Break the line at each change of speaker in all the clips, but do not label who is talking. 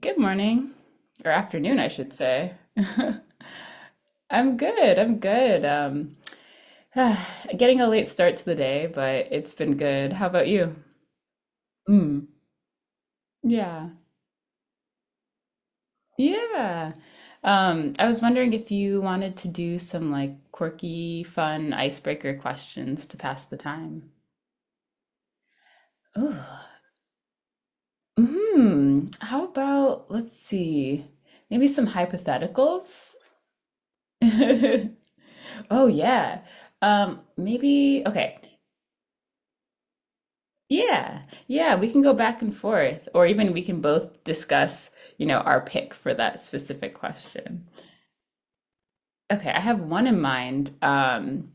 Good morning, or afternoon, I should say. I'm good. I'm good. Getting a late start to the day, but it's been good. How about you? Mm, yeah. Yeah. I was wondering if you wanted to do some like quirky, fun icebreaker questions to pass the time. Ooh. Hmm. How about, let's see, maybe some hypotheticals? Oh yeah. Maybe okay. Yeah, yeah, we can go back and forth, or even we can both discuss, our pick for that specific question. Okay, I have one in mind. Um,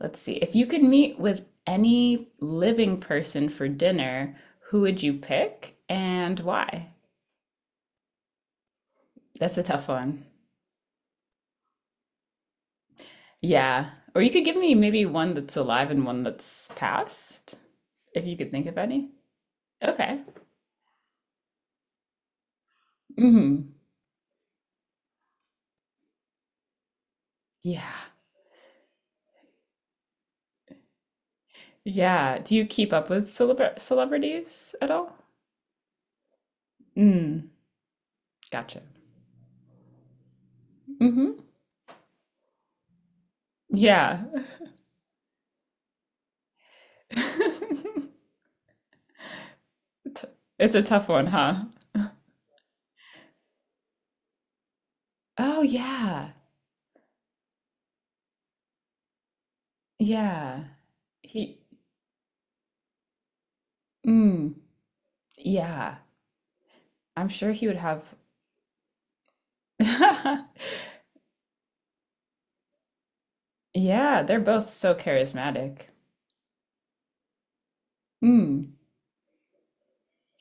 let's see. If you could meet with any living person for dinner, who would you pick and why? That's a tough one. Yeah. Or you could give me maybe one that's alive and one that's past, if you could think of any. Okay. Hmm. Yeah. Yeah. Do you keep up with celebra celebrities at all? Mm, gotcha. Hmm. Yeah. It's a tough one, huh? Oh, yeah. Yeah. He, mm, yeah. I'm sure he would have. Yeah, they're both so charismatic. Mm.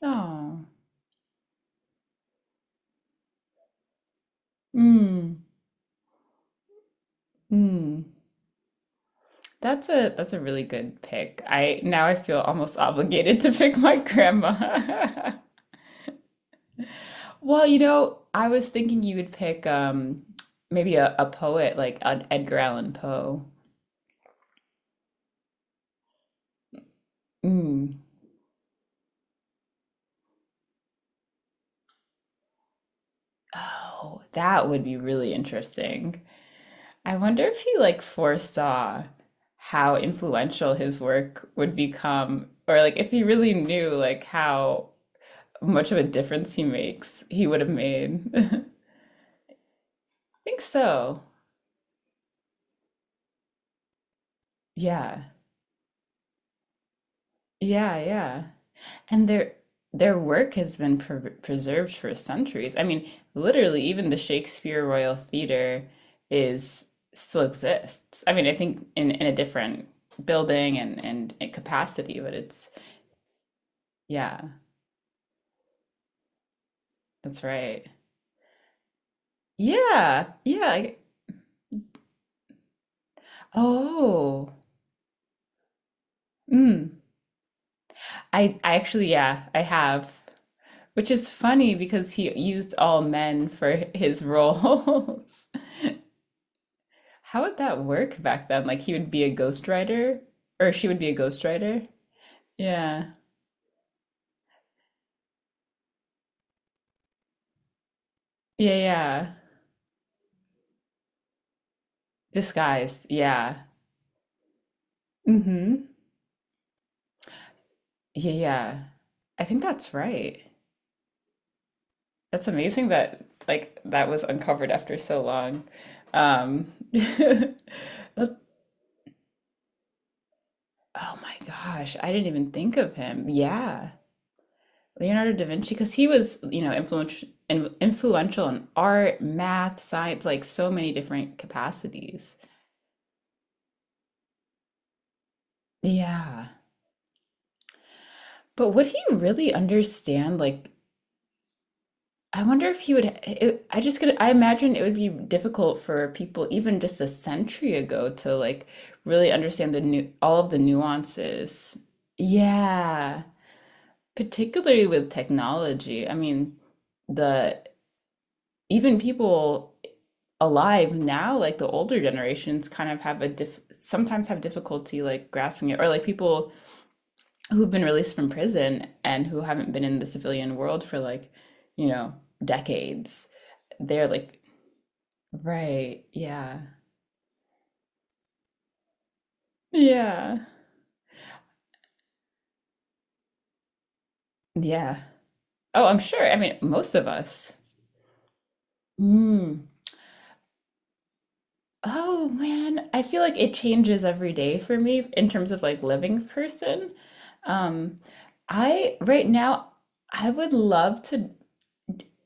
Oh. Mm. Mm. That's a really good pick. I Now I feel almost obligated to pick my grandma. Well, I was thinking you would pick maybe a poet like an Edgar Allan Poe. Mm. Oh, that would be really interesting. I wonder if he like foresaw how influential his work would become, or like if he really knew like how much of a difference he makes, he would have made. I think so. Yeah. Yeah, yeah. And their work has been preserved for centuries. I mean, literally, even the Shakespeare Royal Theatre is still exists. I mean, I think in a different building and capacity, but it's yeah, that's right. Yeah, yeah. Oh, mm. I actually, yeah, I have, which is funny because he used all men for his roles. How would that work back then? Like he would be a ghostwriter or she would be a ghostwriter? Yeah. Yeah, yeah. Disguised. Yeah. Mm-hmm. Yeah, yeah. I think that's right. That's amazing that like that was uncovered after so long. Um Look- Oh my gosh, I didn't even think of him. Yeah. Leonardo da Vinci, because he was, influential in art, math, science, like so many different capacities. Yeah. But would he really understand? Like, I wonder if he would. I just could. I imagine it would be difficult for people, even just a century ago, to like really understand the new all of the nuances. Yeah, particularly with technology. I mean, the even people alive now, like the older generations, kind of have a diff sometimes have difficulty like grasping it, or like people who've been released from prison and who haven't been in the civilian world for like, you know, decades. They're like, right, yeah, yeah, yeah. Oh, I'm sure. I mean, most of us. Mm. Oh man, I feel like it changes every day for me in terms of like living person. Um, I Right now I would love to.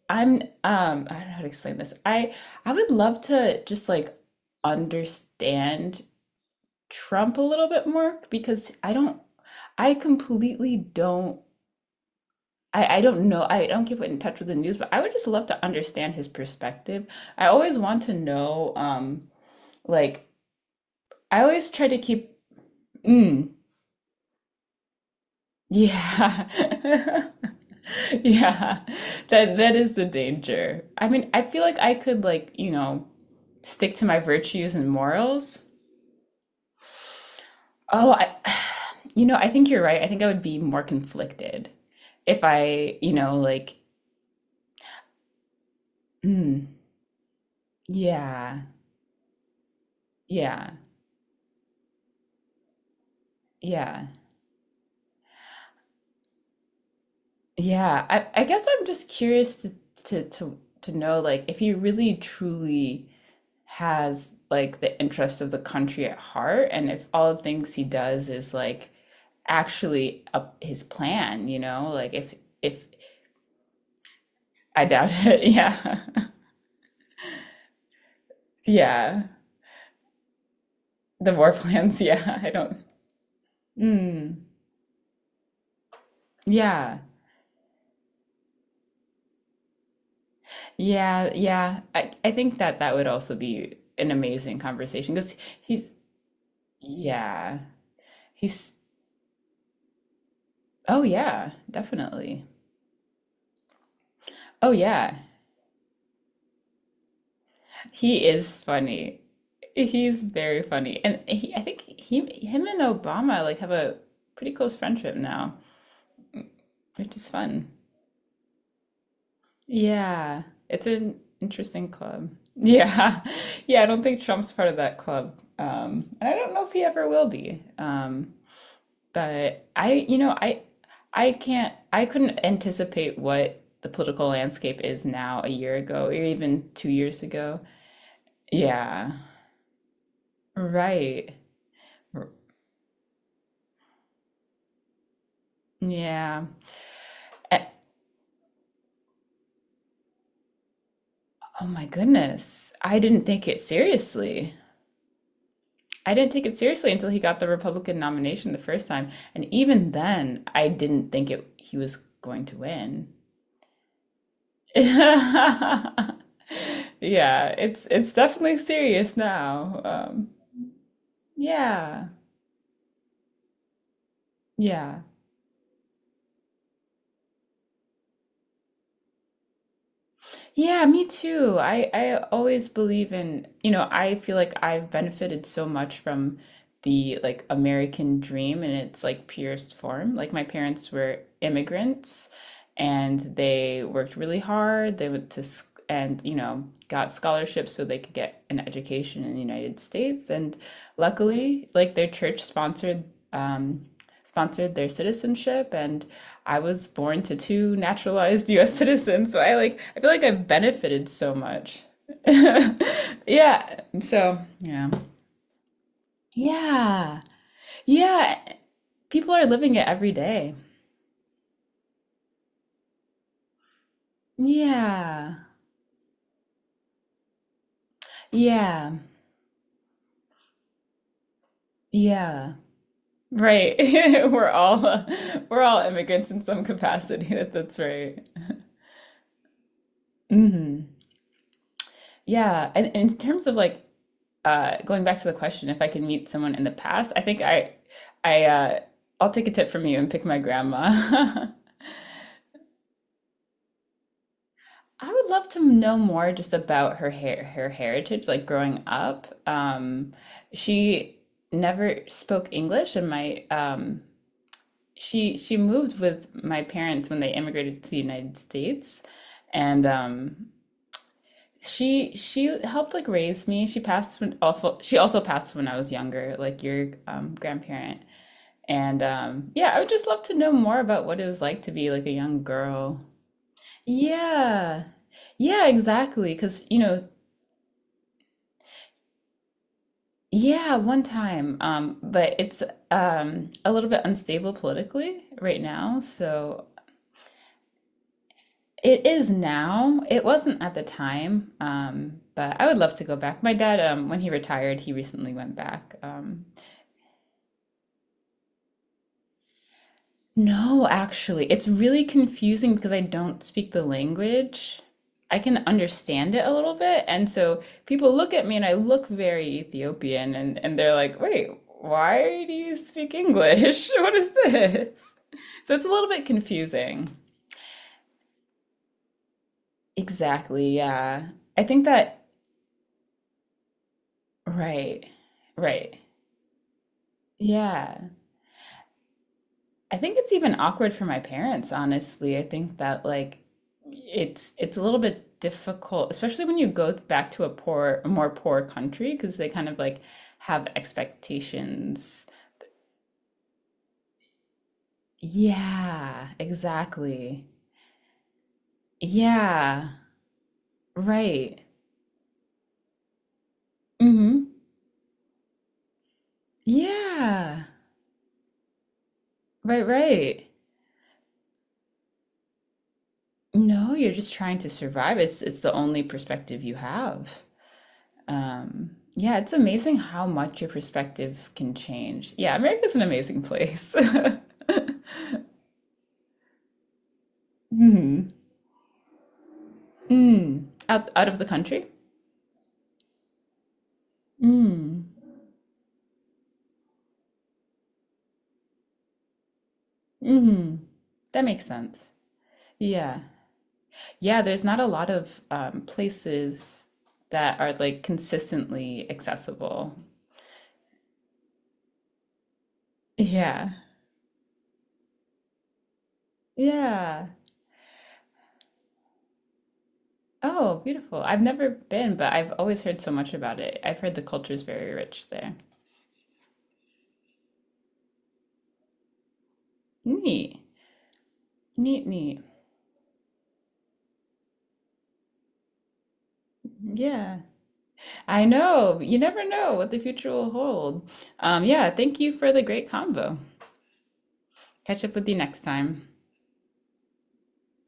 I don't know how to explain this. I would love to just like understand Trump a little bit more because I don't, I completely don't, I don't know, I don't get in touch with the news, but I would just love to understand his perspective. I always want to know, like, I always try to keep. Mm, yeah. Yeah, that is the danger. I mean, I feel like I could, like, stick to my virtues and morals. Oh, I think you're right. I think I would be more conflicted if I, like. Mm, yeah, yeah, yeah, yeah. I guess I'm just curious to, know like if he really truly has like the interest of the country at heart, and if all the things he does is like actually up his plan, like if. I doubt it, yeah, yeah. The war plans, yeah. I don't. Mm, yeah, yeah, yeah, I think that that would also be an amazing conversation because. Yeah. He's, oh yeah, definitely. Oh yeah. He is funny. He's very funny. And I think him and Obama like have a pretty close friendship now, which is fun. Yeah. It's an interesting club. Yeah. Yeah, I don't think Trump's part of that club. And I don't know if he ever will be. But I, I can't, I couldn't anticipate what the political landscape is now a year ago or even 2 years ago. Yeah. Right. R- Yeah. A- oh my goodness. I didn't take it seriously. I didn't take it seriously until he got the Republican nomination the first time, and even then, I didn't think it he was going to win. Yeah, it's definitely serious now. Yeah. Yeah. Yeah, me too. I always believe in, I feel like I've benefited so much from the like American dream in its like purest form. Like my parents were immigrants and they worked really hard. They went to sc and, got scholarships so they could get an education in the United States. And luckily, like their church um sponsored their citizenship and I was born to two naturalized US citizens, so I like I feel like I've benefited so much. Yeah. So, yeah. Yeah. Yeah. People are living it every day. Yeah. Yeah. Yeah. Right. We're all immigrants in some capacity. That's right. Mhm. Yeah. And in terms of like going back to the question, if I could meet someone in the past, I think I, uh, I'll take a tip from you and pick my grandma. I would love to know more just about her heritage, like growing up. She never spoke English, and my she moved with my parents when they immigrated to the United States, and she helped like raise me. She passed when awful. She also passed when I was younger, like your grandparent. And yeah, I would just love to know more about what it was like to be like a young girl. Yeah. Yeah, exactly. Because, yeah, one time, but it's a little bit unstable politically right now. So it is now. It wasn't at the time. But I would love to go back. My dad, when he retired, he recently went back. No, actually, it's really confusing because I don't speak the language. I can understand it a little bit, and so people look at me and I look very Ethiopian and they're like, "Wait, why do you speak English? What is this?" So it's a little bit confusing. Exactly, yeah. I think that right. Right. Yeah. I think it's even awkward for my parents, honestly. I think that like it's a little bit difficult, especially when you go back to a more poor country, because they kind of like have expectations. Yeah, exactly. Yeah, right. Mm-hmm. Yeah, right, right. No, you're just trying to survive. It's the only perspective you have. Yeah, it's amazing how much your perspective can change. Yeah, America's an amazing place. Mm. Mm. Out of the country? Mm. Mm. That makes sense. Yeah. Yeah, there's not a lot of places that are like consistently accessible. Yeah. Yeah. Oh, beautiful. I've never been, but I've always heard so much about it. I've heard the culture is very rich there. Neat. Neat, neat. Yeah. I know. You never know what the future will hold. Yeah, thank you for the great convo. Catch up with you next time.